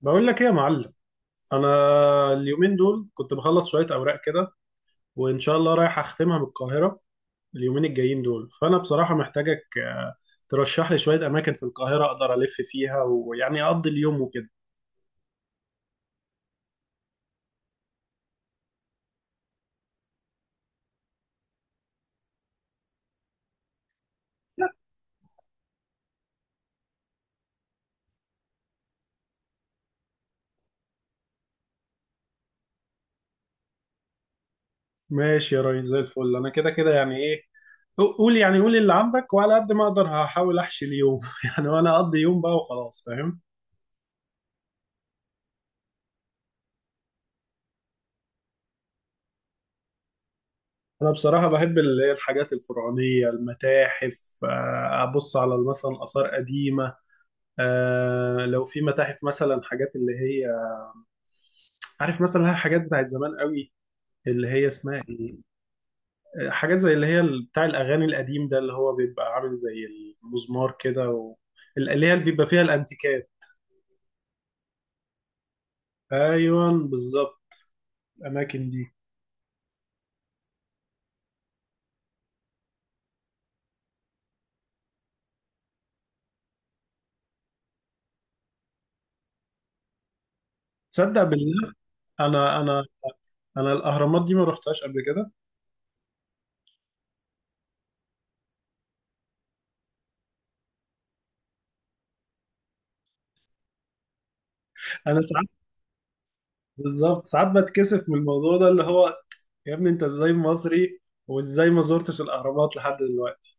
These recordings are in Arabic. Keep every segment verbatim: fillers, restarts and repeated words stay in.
بقول لك ايه يا معلم. انا اليومين دول كنت بخلص شويه اوراق كده، وان شاء الله رايح اختمها بالقاهره اليومين الجايين دول. فانا بصراحه محتاجك، آه، ترشح لي شويه اماكن في القاهره اقدر الف فيها ويعني اقضي اليوم وكده. ماشي يا ريس، زي الفل. انا كده كده يعني ايه، قو- قول يعني، قول اللي عندك وعلى قد ما اقدر هحاول احشي اليوم يعني، وانا اقضي يوم بقى وخلاص، فاهم. انا بصراحه بحب ال- الحاجات الفرعونيه، المتاحف، آه، ابص على مثلا اثار قديمه. آه لو في متاحف مثلا، حاجات اللي هي، عارف مثلا الحاجات بتاعت زمان قوي اللي هي اسمها ايه، آه، حاجات زي اللي هي ال- بتاع الاغاني القديم ده، اللي هو بيبقى عامل زي المزمار كده، و... اللي هي اللي بيبقى فيها الانتيكات. ايوه بالظبط، الاماكن دي. تصدق بالله، انا انا انا الاهرامات دي ما رحتهاش قبل كده. انا ساعات، بالظبط ساعات بتكسف من الموضوع ده، اللي هو يا ابني انت ازاي مصري وازاي ما زرتش الاهرامات لحد دلوقتي.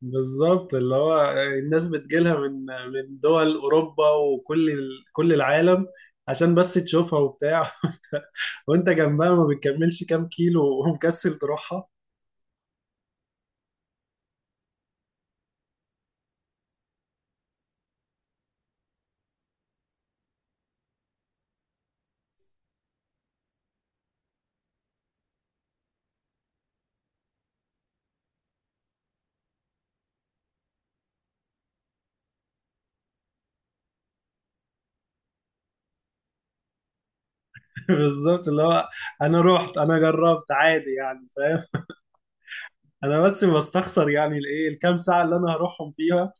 بالظبط، اللي هو الناس بتجيلها من من دول اوروبا وكل ال- كل العالم عشان بس تشوفها وبتاع، وانت وانت جنبها ما بتكملش كام كيلو ومكسل تروحها. بالظبط، اللي هو انا رحت، انا جربت عادي يعني، فاهم. انا بس بستخسر يعني الايه، الكام ساعه اللي انا هروحهم فيها،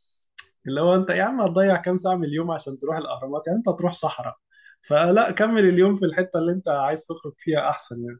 اللي هو انت يا عم هتضيع كام ساعه من اليوم عشان تروح الاهرامات؟ يعني انت تروح صحراء، فلا كمل اليوم في الحته اللي انت عايز تخرج فيها احسن يعني.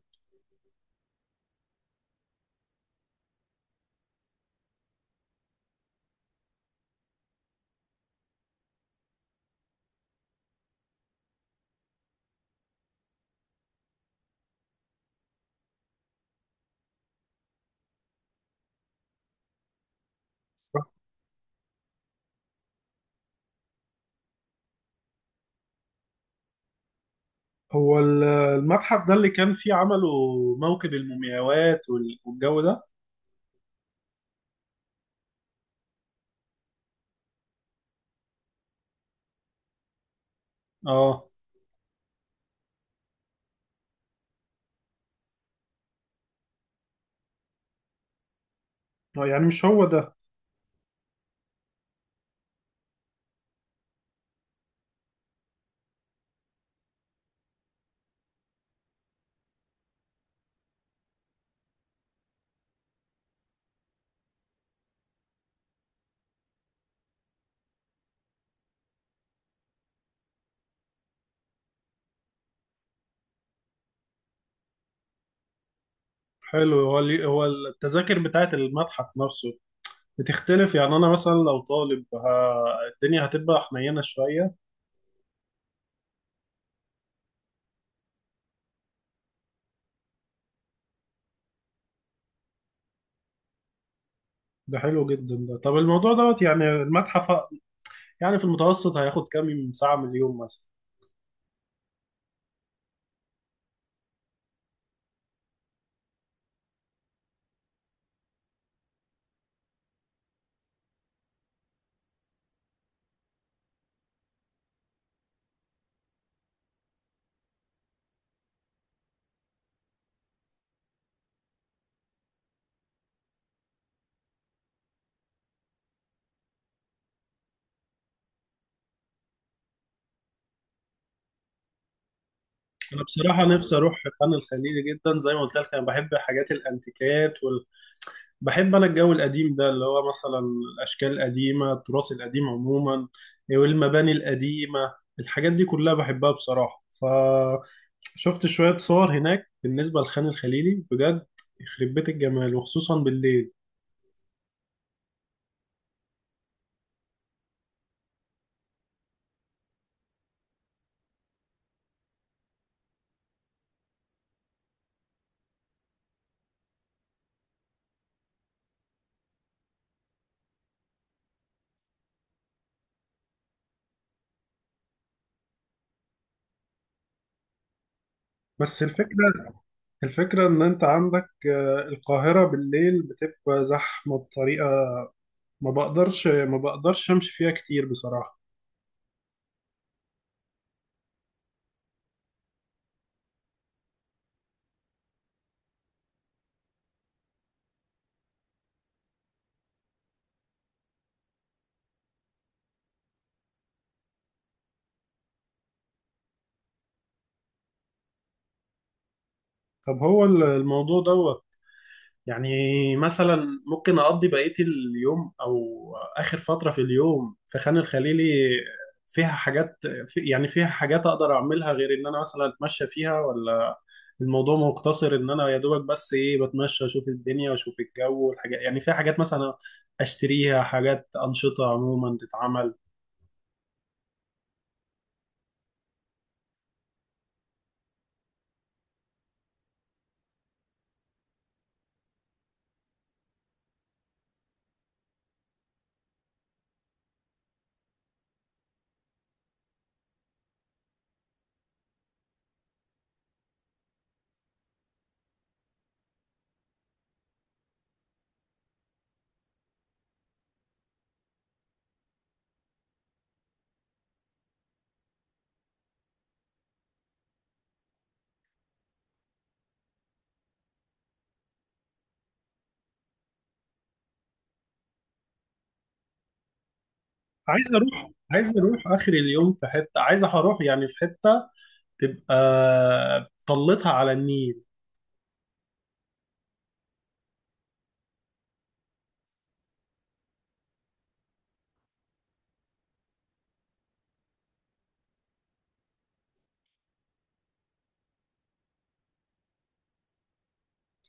هو ال- المتحف ده اللي كان فيه عملوا موكب المومياوات وال- والجو ده؟ اه، آه، يعني مش هو ده. حلو. هو اللي هو التذاكر بتاعت المتحف نفسه بتختلف يعني؟ انا مثلا لو طالب ه- الدنيا هتبقى حنينة شوية؟ ده حلو جدا ده. طب الموضوع دوت يعني المتحف ه- يعني في المتوسط هياخد كام ساعة من اليوم مثلا؟ انا بصراحة نفسي اروح خان الخليلي جدا، زي ما قلت لك انا بحب حاجات الانتيكات، بحب انا الجو القديم ده، اللي هو مثلا الاشكال القديمه، التراث القديم عموما والمباني القديمه، الحاجات دي كلها بحبها بصراحه. فشفت شويه صور هناك بالنسبه للخان الخليلي، بجد يخرب بيت الجمال، وخصوصا بالليل. بس الفكره، الفكره ان انت عندك، آه، القاهره بالليل بتبقى زحمه بطريقه ما بقدرش ما بقدرش امشي فيها كتير بصراحه. طب هو الموضوع ده يعني، مثلا ممكن أقضي بقية اليوم أو آخر فترة في اليوم في خان الخليلي، فيها حاجات، في يعني فيها حاجات أقدر أعملها غير إن أنا مثلا أتمشى فيها؟ ولا الموضوع مقتصر إن أنا يا دوبك بس إيه، بتمشى أشوف الدنيا أشوف الجو والحاجات؟ يعني فيها حاجات مثلا أشتريها، حاجات أنشطة عموما تتعمل؟ عايز أروح عايز أروح آخر اليوم في حتة، عايز أروح يعني في حتة تبقى طلتها على النيل.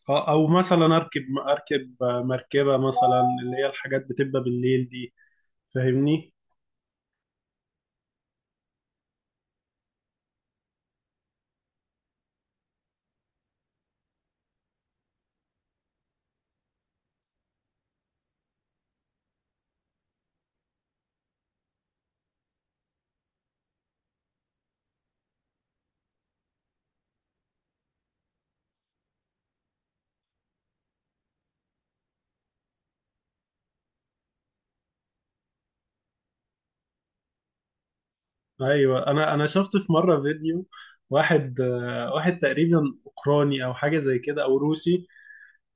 اه، او مثلا اركب، اركب مركبه مثلا، اللي هي الحاجات بتبقى بالليل دي، فاهمني. ايوه، انا انا شفت في مره فيديو واحد، آه، واحد تقريبا اوكراني او حاجه زي كده، او روسي،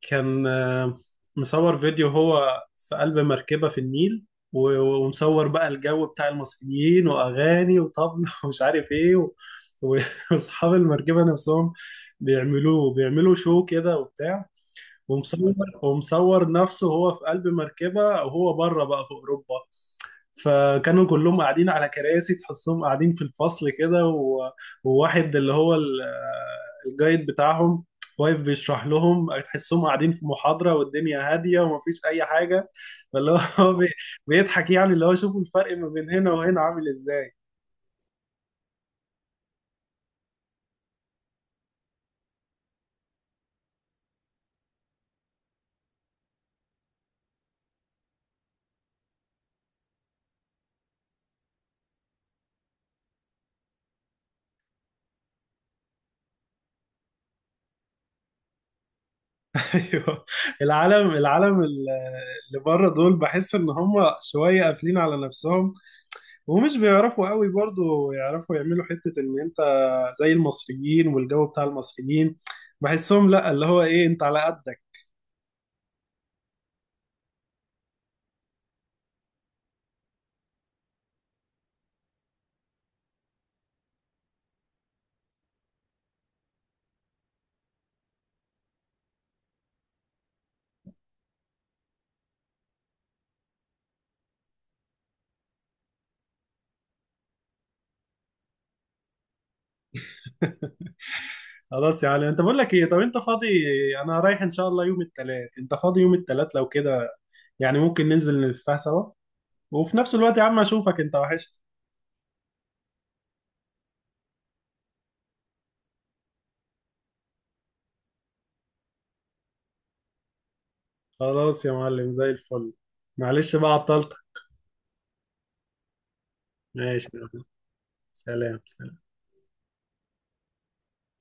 كان آه، مصور فيديو هو في قلب مركبه في النيل، و- ومصور بقى الجو بتاع المصريين واغاني وطبل، ومش عارف ايه و- و- واصحاب المركبه نفسهم بيعملوه بيعملوا شو كده وبتاع، ومصور ومصور نفسه وهو في قلب مركبة وهو بره بقى في أوروبا. فكانوا كلهم قاعدين على كراسي، تحسهم قاعدين في الفصل كده، و- وواحد اللي هو ال- الجايد بتاعهم واقف بيشرح لهم، تحسهم قاعدين في محاضرة والدنيا هادية ومفيش أي حاجة. فاللي هو بي- بيضحك يعني، اللي هو شوفوا الفرق ما بين هنا وهنا عامل إزاي. أيوه، العالم العالم ال- اللي بره دول بحس إن هم شوية قافلين على نفسهم، ومش بيعرفوا قوي برضو يعرفوا يعملوا حتة ان انت زي المصريين والجو بتاع المصريين، بحسهم لا، اللي هو ايه انت على قدك. خلاص، يعني انت بقول لك ايه، طب انت فاضي؟ انا رايح ان شاء الله يوم الثلاث، انت فاضي يوم الثلاث؟ لو كده يعني ممكن ننزل نلفها سوا، وفي نفس الوقت يا عم اشوفك، انت وحشت. خلاص يا معلم، زي الفل. معلش بقى عطلتك. ماشي. سلام سلام.